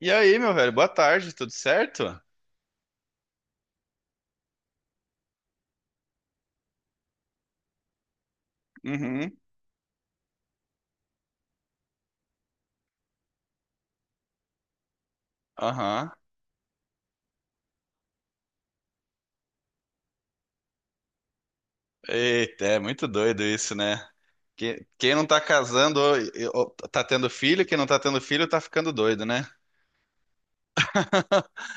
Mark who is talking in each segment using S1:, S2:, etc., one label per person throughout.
S1: E aí, meu velho, boa tarde, tudo certo? Uhum. Aham. Eita, é muito doido isso, né? Quem não tá casando ou tá tendo filho, quem não tá tendo filho tá ficando doido, né?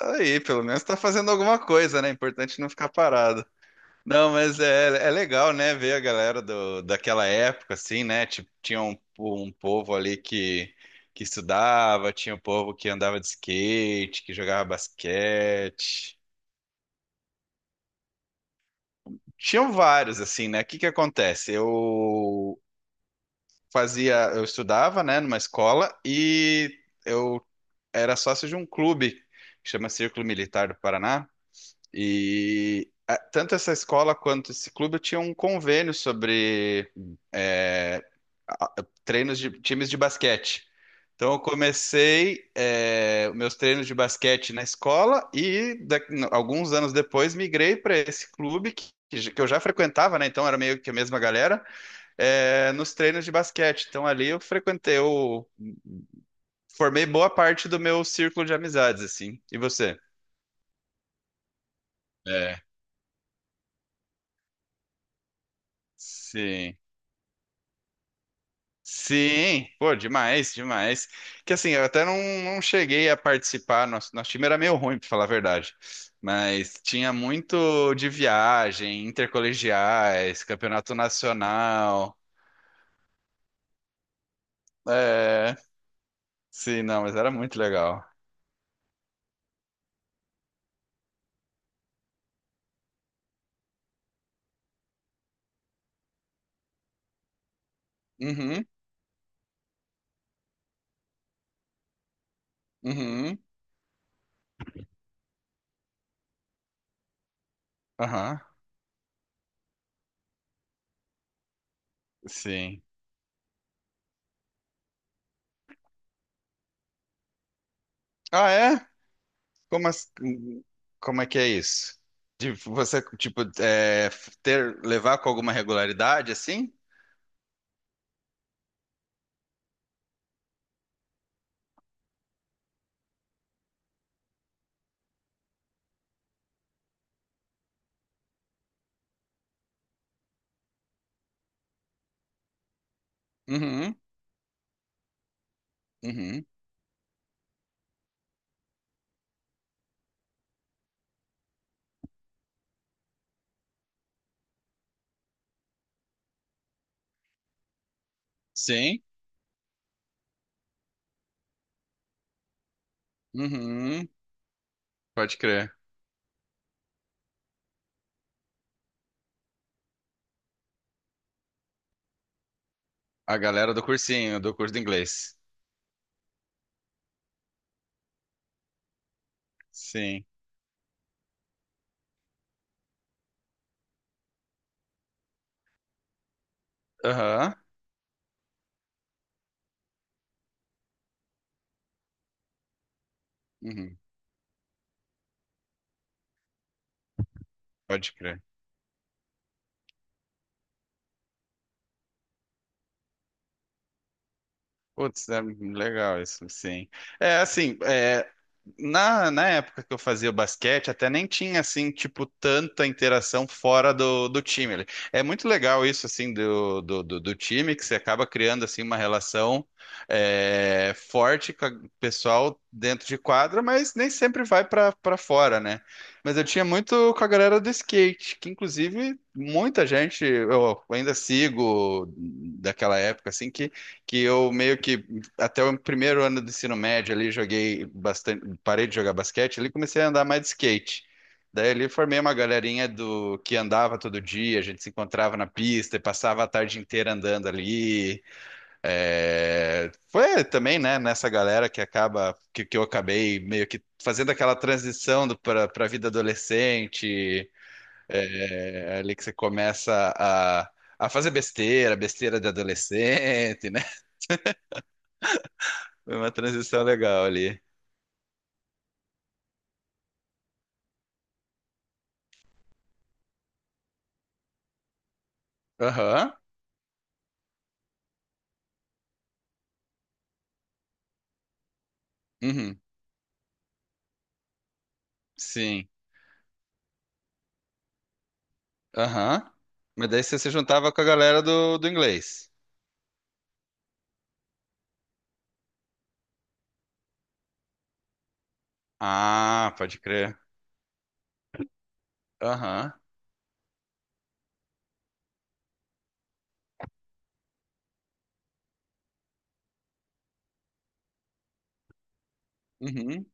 S1: Aí, pelo menos tá fazendo alguma coisa, né? Importante não ficar parado. Não, mas é legal, né, ver a galera daquela época, assim, né? Tipo, tinha um povo ali que estudava, tinha um povo que andava de skate, que jogava basquete. Tinham vários, assim, né? O que que acontece? Eu fazia, eu estudava, né, numa escola e eu era sócio de um clube que chama Círculo Militar do Paraná. E tanto essa escola quanto esse clube tinham um convênio sobre eh, a- treinos de times de basquete. Então eu comecei meus treinos de basquete na escola e alguns anos depois migrei para esse clube que que eu já frequentava, né? Então era meio que a mesma galera nos treinos de basquete. Então ali eu frequentei, eu formei boa parte do meu círculo de amizades, assim. E você? É, sim. Sim, pô, demais, demais. Que assim, eu até não cheguei a participar, nosso time era meio ruim, pra falar a verdade. Mas tinha muito de viagem, intercolegiais, campeonato nacional. É, sim, não, mas era muito legal. Uhum, uhum, aham, sim. Ah, é? Como, como é que é isso? De você, tipo, ter, levar com alguma regularidade, assim? Uhum, uhum. Sim. Uhum, pode crer. A galera do cursinho, do curso de inglês. Sim. Aham. Uhum, pode crer. Putz, é legal isso, sim. Assim, na época que eu fazia basquete, até nem tinha, assim, tipo, tanta interação fora do time ali. É muito legal isso, assim, do time, que você acaba criando, assim, uma relação forte com o pessoal dentro de quadra, mas nem sempre vai para fora, né? Mas eu tinha muito com a galera do skate, que, inclusive, muita gente, eu ainda sigo daquela época, assim, que eu meio que até o primeiro ano do ensino médio ali joguei bastante, parei de jogar basquete ali, comecei a andar mais de skate. Daí ali formei uma galerinha do que andava todo dia, a gente se encontrava na pista e passava a tarde inteira andando ali. É, foi também, né, nessa galera que acaba que eu acabei meio que fazendo aquela transição para a vida adolescente, ali que você começa a fazer besteira, besteira de adolescente, né? Foi uma transição legal ali. Aham. Uhum. Sim. Aham. Mas daí você se juntava com a galera do inglês. Ah, pode crer. Aham. Uhum.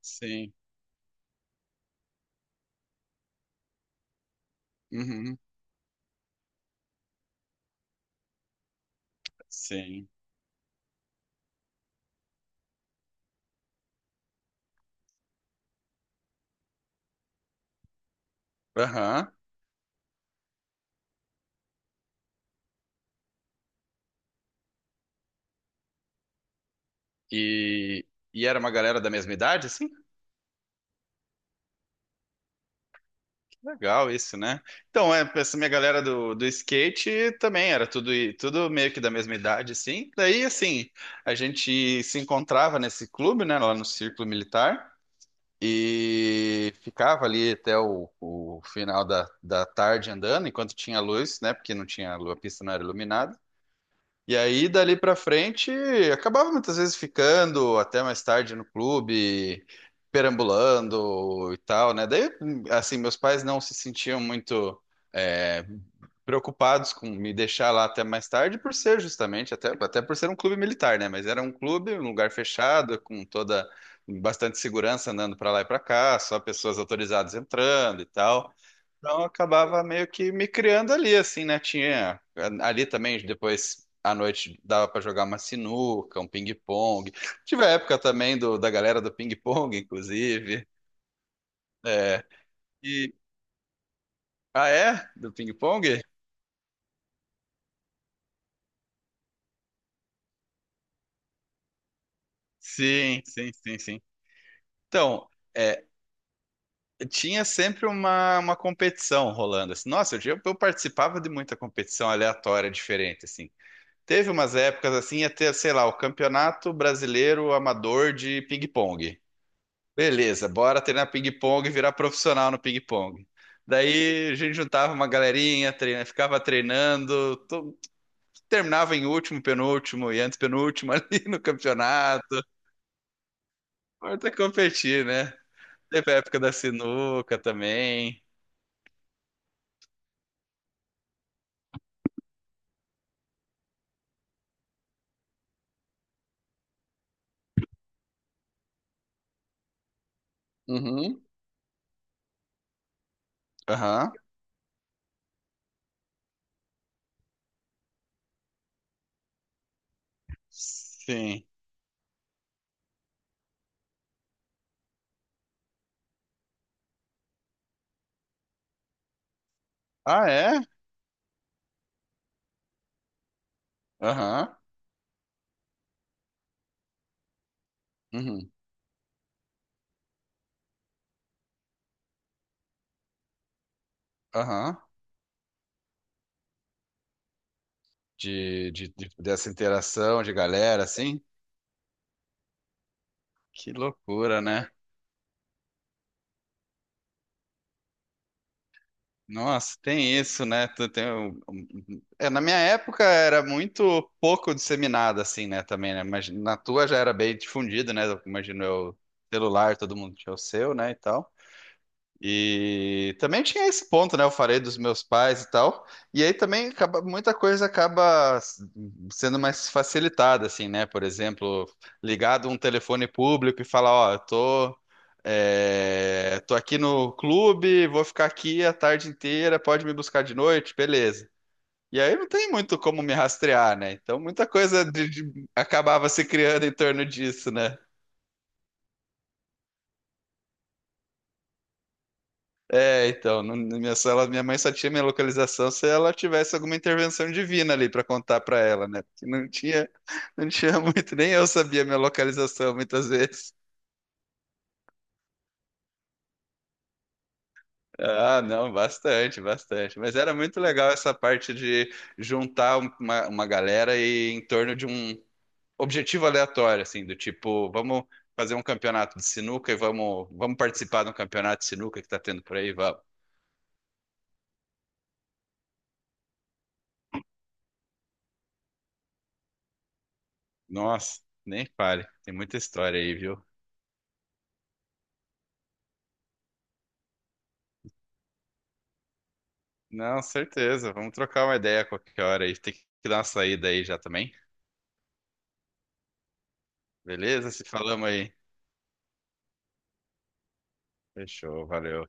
S1: Sim. Uhum. Sim. Aham. E, e era uma galera da mesma idade, assim? Que legal isso, né? Então, é, essa minha galera do skate também era tudo, tudo meio que da mesma idade, assim. Daí, assim, a gente se encontrava nesse clube, né, lá no Círculo Militar, e ficava ali até o final da tarde andando, enquanto tinha luz, né? Porque não tinha, a pista não era iluminada. E aí, dali pra frente, acabava muitas vezes ficando até mais tarde no clube, perambulando e tal, né? Daí, assim, meus pais não se sentiam muito é, preocupados com me deixar lá até mais tarde, por ser justamente, até por ser um clube militar, né? Mas era um clube, um lugar fechado, com toda, bastante segurança andando pra lá e pra cá, só pessoas autorizadas entrando e tal. Então eu acabava meio que me criando ali, assim, né? Tinha ali também, depois à noite dava pra jogar uma sinuca, um ping-pong. Tive a época também da galera do ping-pong, inclusive. É. E, ah, é? Do ping-pong? Sim, sim, sim, sim. Então, é, tinha sempre uma competição rolando. Assim. Nossa, eu participava de muita competição aleatória, diferente, assim. Teve umas épocas assim, ia ter, sei lá, o Campeonato Brasileiro Amador de Ping-Pong. Beleza, bora treinar ping-pong e virar profissional no ping-pong. Daí a gente juntava uma galerinha, treina, ficava treinando, terminava em último, penúltimo e antepenúltimo ali no campeonato. Importa competir, né? Teve a época da sinuca também. Uhum. Aham. Sim. Ah, é? Aham. Uhum. Aham. Dessa interação de galera, assim? Que loucura, né? Nossa, tem isso, né? Tu Tem, é, na minha época era muito pouco disseminada, assim, né? Também, né? Mas na tua já era bem difundida, né? Eu Imagino eu, celular, todo mundo tinha o seu, né? E tal. E também tinha esse ponto, né? Eu falei dos meus pais e tal. E aí também acaba, muita coisa acaba sendo mais facilitada, assim, né? Por exemplo, ligado um telefone público e falar, ó, tô aqui no clube, vou ficar aqui a tarde inteira, pode me buscar de noite, beleza. E aí não tem muito como me rastrear, né? Então muita coisa acabava se criando em torno disso, né? É, então, na minha sala, minha mãe só tinha minha localização se ela tivesse alguma intervenção divina ali pra contar pra ela, né? Porque não tinha, não tinha muito, nem eu sabia minha localização muitas vezes. Ah, não, bastante, bastante. Mas era muito legal essa parte de juntar uma galera e em torno de um objetivo aleatório, assim, do tipo, vamos fazer um campeonato de sinuca e vamos participar de um campeonato de sinuca que tá tendo por aí, vamos. Nossa, nem fale, tem muita história aí, viu? Não, certeza. Vamos trocar uma ideia a qualquer hora aí. Tem que dar uma saída aí já também. Beleza? Se falamos aí. Fechou, valeu.